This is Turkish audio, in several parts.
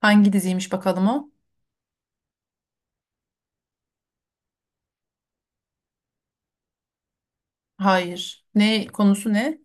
Hangi diziymiş bakalım o? Hayır. Ne konusu ne?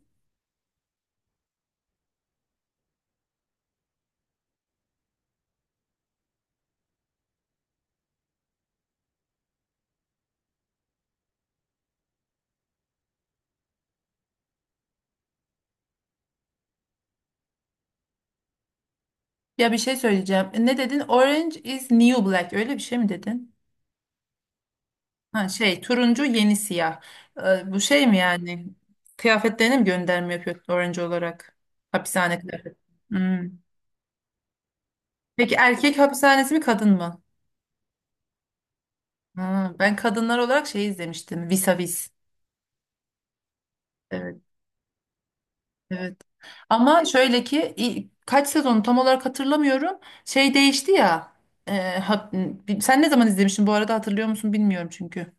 Ya bir şey söyleyeceğim. Ne dedin? Orange is new black. Öyle bir şey mi dedin? Ha şey turuncu yeni siyah. Bu şey mi yani? Kıyafetlerine mi gönderme yapıyor orange olarak? Hapishane kıyafeti. Hmm. Peki erkek hapishanesi mi kadın mı? Ha, ben kadınlar olarak şey izlemiştim. Vis a Vis. Evet. Evet. Ama şöyle ki kaç sezonu tam olarak hatırlamıyorum. Şey değişti ya. e, ha- Sen ne zaman izlemiştin bu arada, hatırlıyor musun bilmiyorum çünkü.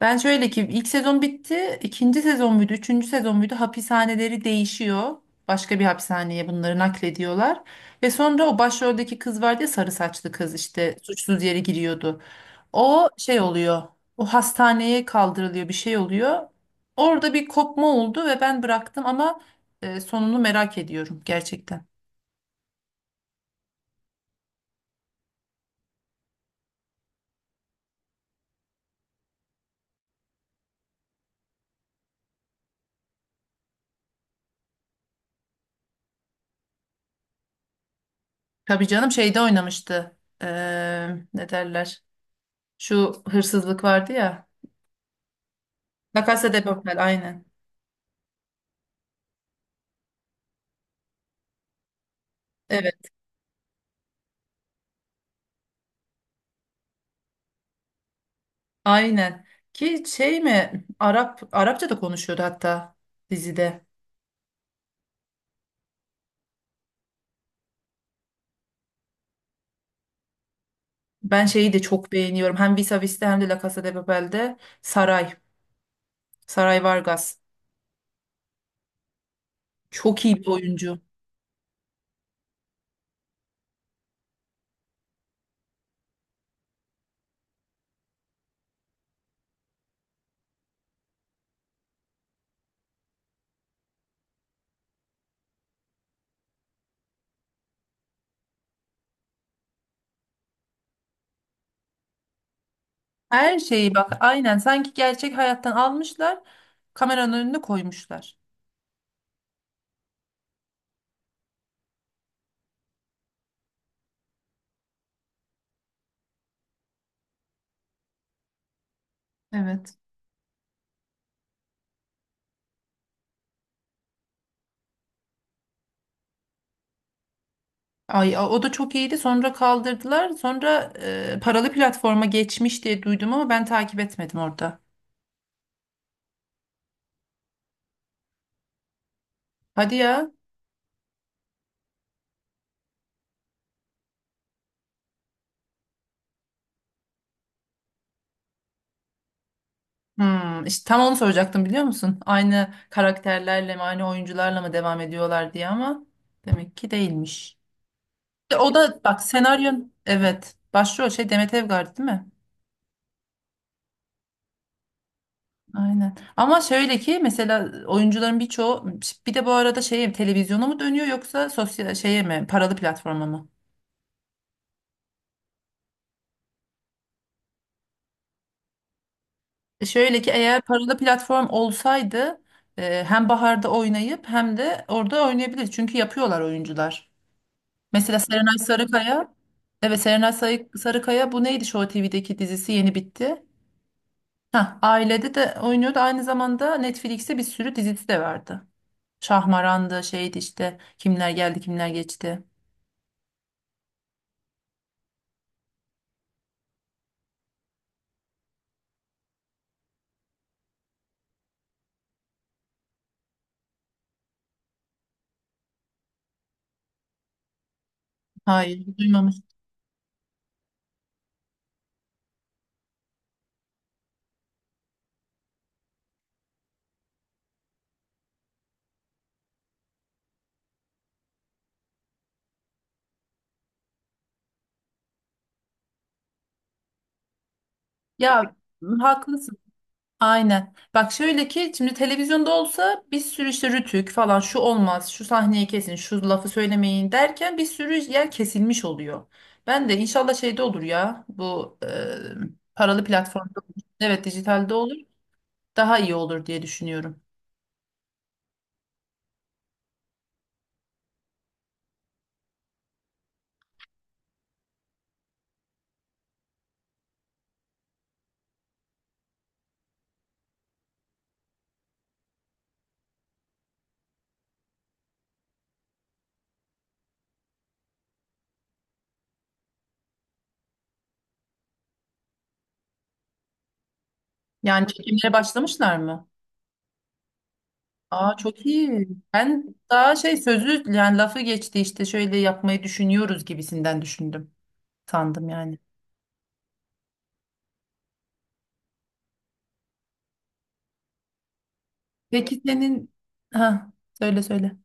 Ben şöyle ki ilk sezon bitti. İkinci sezon muydu? Üçüncü sezon muydu? Hapishaneleri değişiyor. Başka bir hapishaneye bunları naklediyorlar. Ve sonra o başroldeki kız vardı ya, sarı saçlı kız işte suçsuz yere giriyordu. O şey oluyor. O hastaneye kaldırılıyor, bir şey oluyor. Orada bir kopma oldu ve ben bıraktım ama sonunu merak ediyorum gerçekten. Tabii canım şeyde oynamıştı. Ne derler? Şu hırsızlık vardı ya. La Casa de Papel aynen. Evet, aynen. Ki şey mi? Arapça da konuşuyordu hatta dizide. Ben şeyi de çok beğeniyorum. Hem Vis a Vis'te hem de La Casa de Papel'de Saray. Saray Vargas. Çok iyi bir oyuncu. Her şeyi bak aynen sanki gerçek hayattan almışlar, kameranın önüne koymuşlar. Evet. O da çok iyiydi, sonra kaldırdılar, sonra paralı platforma geçmiş diye duydum ama ben takip etmedim orada. Hadi ya. Hmm, işte tam onu soracaktım biliyor musun? Aynı karakterlerle mi aynı oyuncularla mı devam ediyorlar diye, ama demek ki değilmiş. O da bak senaryon evet başrol şey Demet Evgar değil mi? Aynen. Ama şöyle ki mesela oyuncuların birçoğu, bir de bu arada şeye televizyona mı dönüyor yoksa sosyal şeye mi paralı platforma mı? Şöyle ki eğer paralı platform olsaydı, hem baharda oynayıp hem de orada oynayabilir. Çünkü yapıyorlar oyuncular. Mesela Serenay Sarıkaya, evet Serenay Sarıkaya bu neydi Show TV'deki dizisi yeni bitti. Hah, ailede de oynuyordu. Aynı zamanda Netflix'te bir sürü dizisi de vardı. Şahmaran'dı şeydi işte, kimler geldi kimler geçti. Hayır, duymamış. Ya haklısın. Aynen. Bak şöyle ki şimdi televizyonda olsa bir sürü işte Rütük falan şu olmaz, şu sahneyi kesin, şu lafı söylemeyin derken bir sürü yer kesilmiş oluyor. Ben de inşallah şeyde olur ya bu, paralı platformda olur. Evet dijitalde olur. Daha iyi olur diye düşünüyorum. Yani çekimlere başlamışlar mı? Aa çok iyi. Ben daha şey sözü yani lafı geçti işte şöyle yapmayı düşünüyoruz gibisinden düşündüm. Sandım yani. Peki senin ha söyle söyle.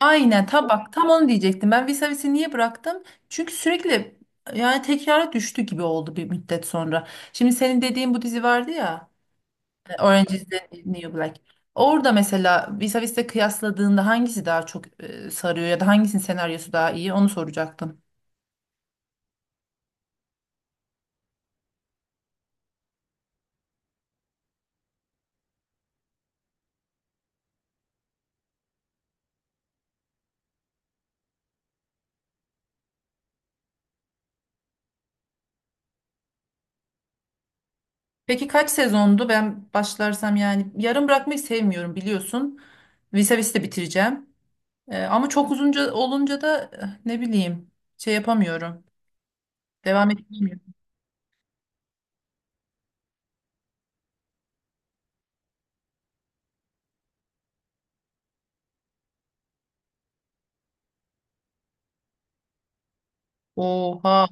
Aynen tabak tam onu diyecektim. Ben Visavis'i niye bıraktım? Çünkü sürekli yani tekrara düştü gibi oldu bir müddet sonra. Şimdi senin dediğin bu dizi vardı ya, Orange is the New Black. Orada mesela Visavis'le kıyasladığında hangisi daha çok sarıyor, ya da hangisinin senaryosu daha iyi onu soracaktım. Peki kaç sezondu? Ben başlarsam yani yarım bırakmayı sevmiyorum biliyorsun. Visavis'i de bitireceğim. Ama çok uzunca olunca da ne bileyim şey yapamıyorum. Devam edemiyorum. Oha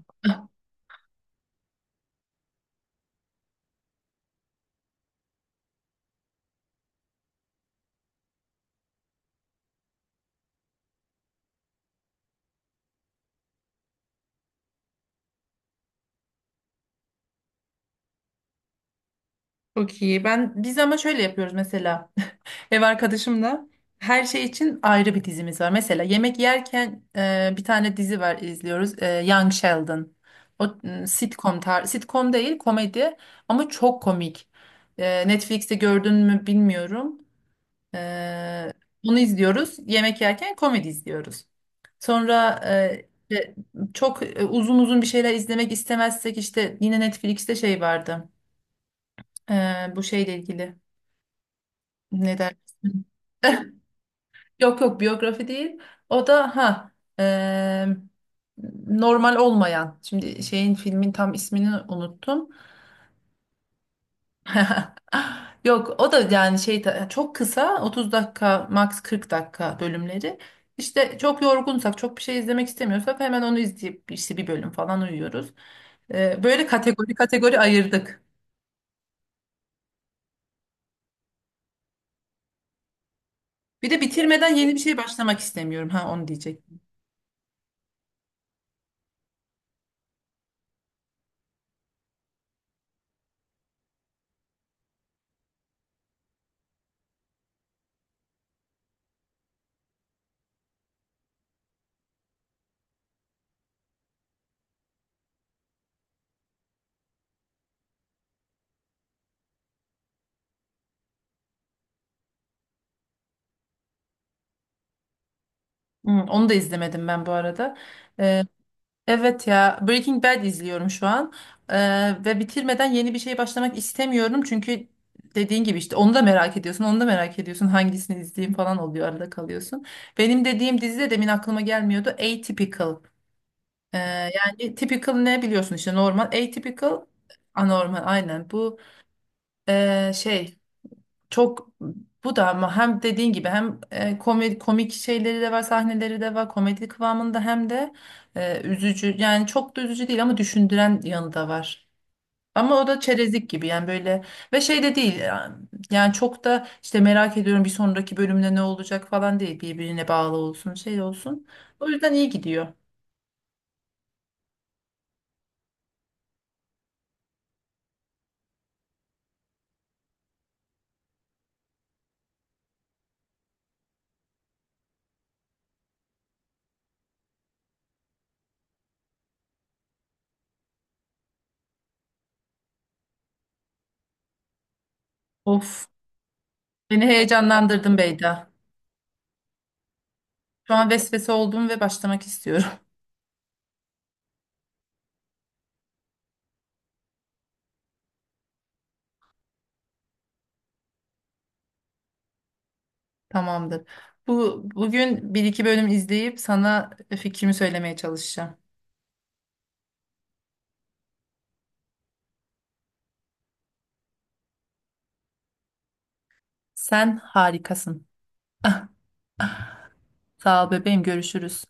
çok iyi. Biz ama şöyle yapıyoruz mesela. Ev arkadaşımla her şey için ayrı bir dizimiz var. Mesela yemek yerken bir tane dizi var izliyoruz. Young Sheldon. Sitcom değil komedi ama çok komik. Netflix'te gördün mü bilmiyorum. Ee, Bunu izliyoruz. Yemek yerken komedi izliyoruz. Sonra işte çok uzun uzun bir şeyler izlemek istemezsek işte yine Netflix'te şey vardı. Bu şeyle ilgili. Ne dersin? Yok yok biyografi değil. O da ha e, normal olmayan. Şimdi şeyin filmin tam ismini unuttum. Yok o da yani şey çok kısa 30 dakika max 40 dakika bölümleri. İşte çok yorgunsak, çok bir şey izlemek istemiyorsak, hemen onu izleyip işte bir bölüm falan uyuyoruz. Böyle kategori kategori ayırdık. Bir de bitirmeden yeni bir şey başlamak istemiyorum ha onu diyecek. Hı, onu da izlemedim ben bu arada. Ee, Evet ya, Breaking Bad izliyorum şu an. Ve bitirmeden yeni bir şey başlamak istemiyorum çünkü dediğin gibi işte onu da merak ediyorsun, onu da merak ediyorsun, hangisini izleyeyim falan oluyor, arada kalıyorsun. Benim dediğim dizi de demin aklıma gelmiyordu, Atypical. Ee, Yani typical ne biliyorsun işte normal, atypical anormal aynen bu şey. Çok, bu da ama hem dediğin gibi hem komik, komik şeyleri de var, sahneleri de var, komedi kıvamında, hem de üzücü. Yani çok da üzücü değil ama düşündüren yanı da var. Ama o da çerezlik gibi yani böyle, ve şey de değil yani, yani çok da işte merak ediyorum bir sonraki bölümde ne olacak falan değil, birbirine bağlı olsun şey olsun. O yüzden iyi gidiyor. Of beni heyecanlandırdın Beyda. Şu an vesvese oldum ve başlamak istiyorum. Tamamdır. Bu bugün bir iki bölüm izleyip sana fikrimi söylemeye çalışacağım. Sen harikasın. Sağ ol bebeğim, görüşürüz.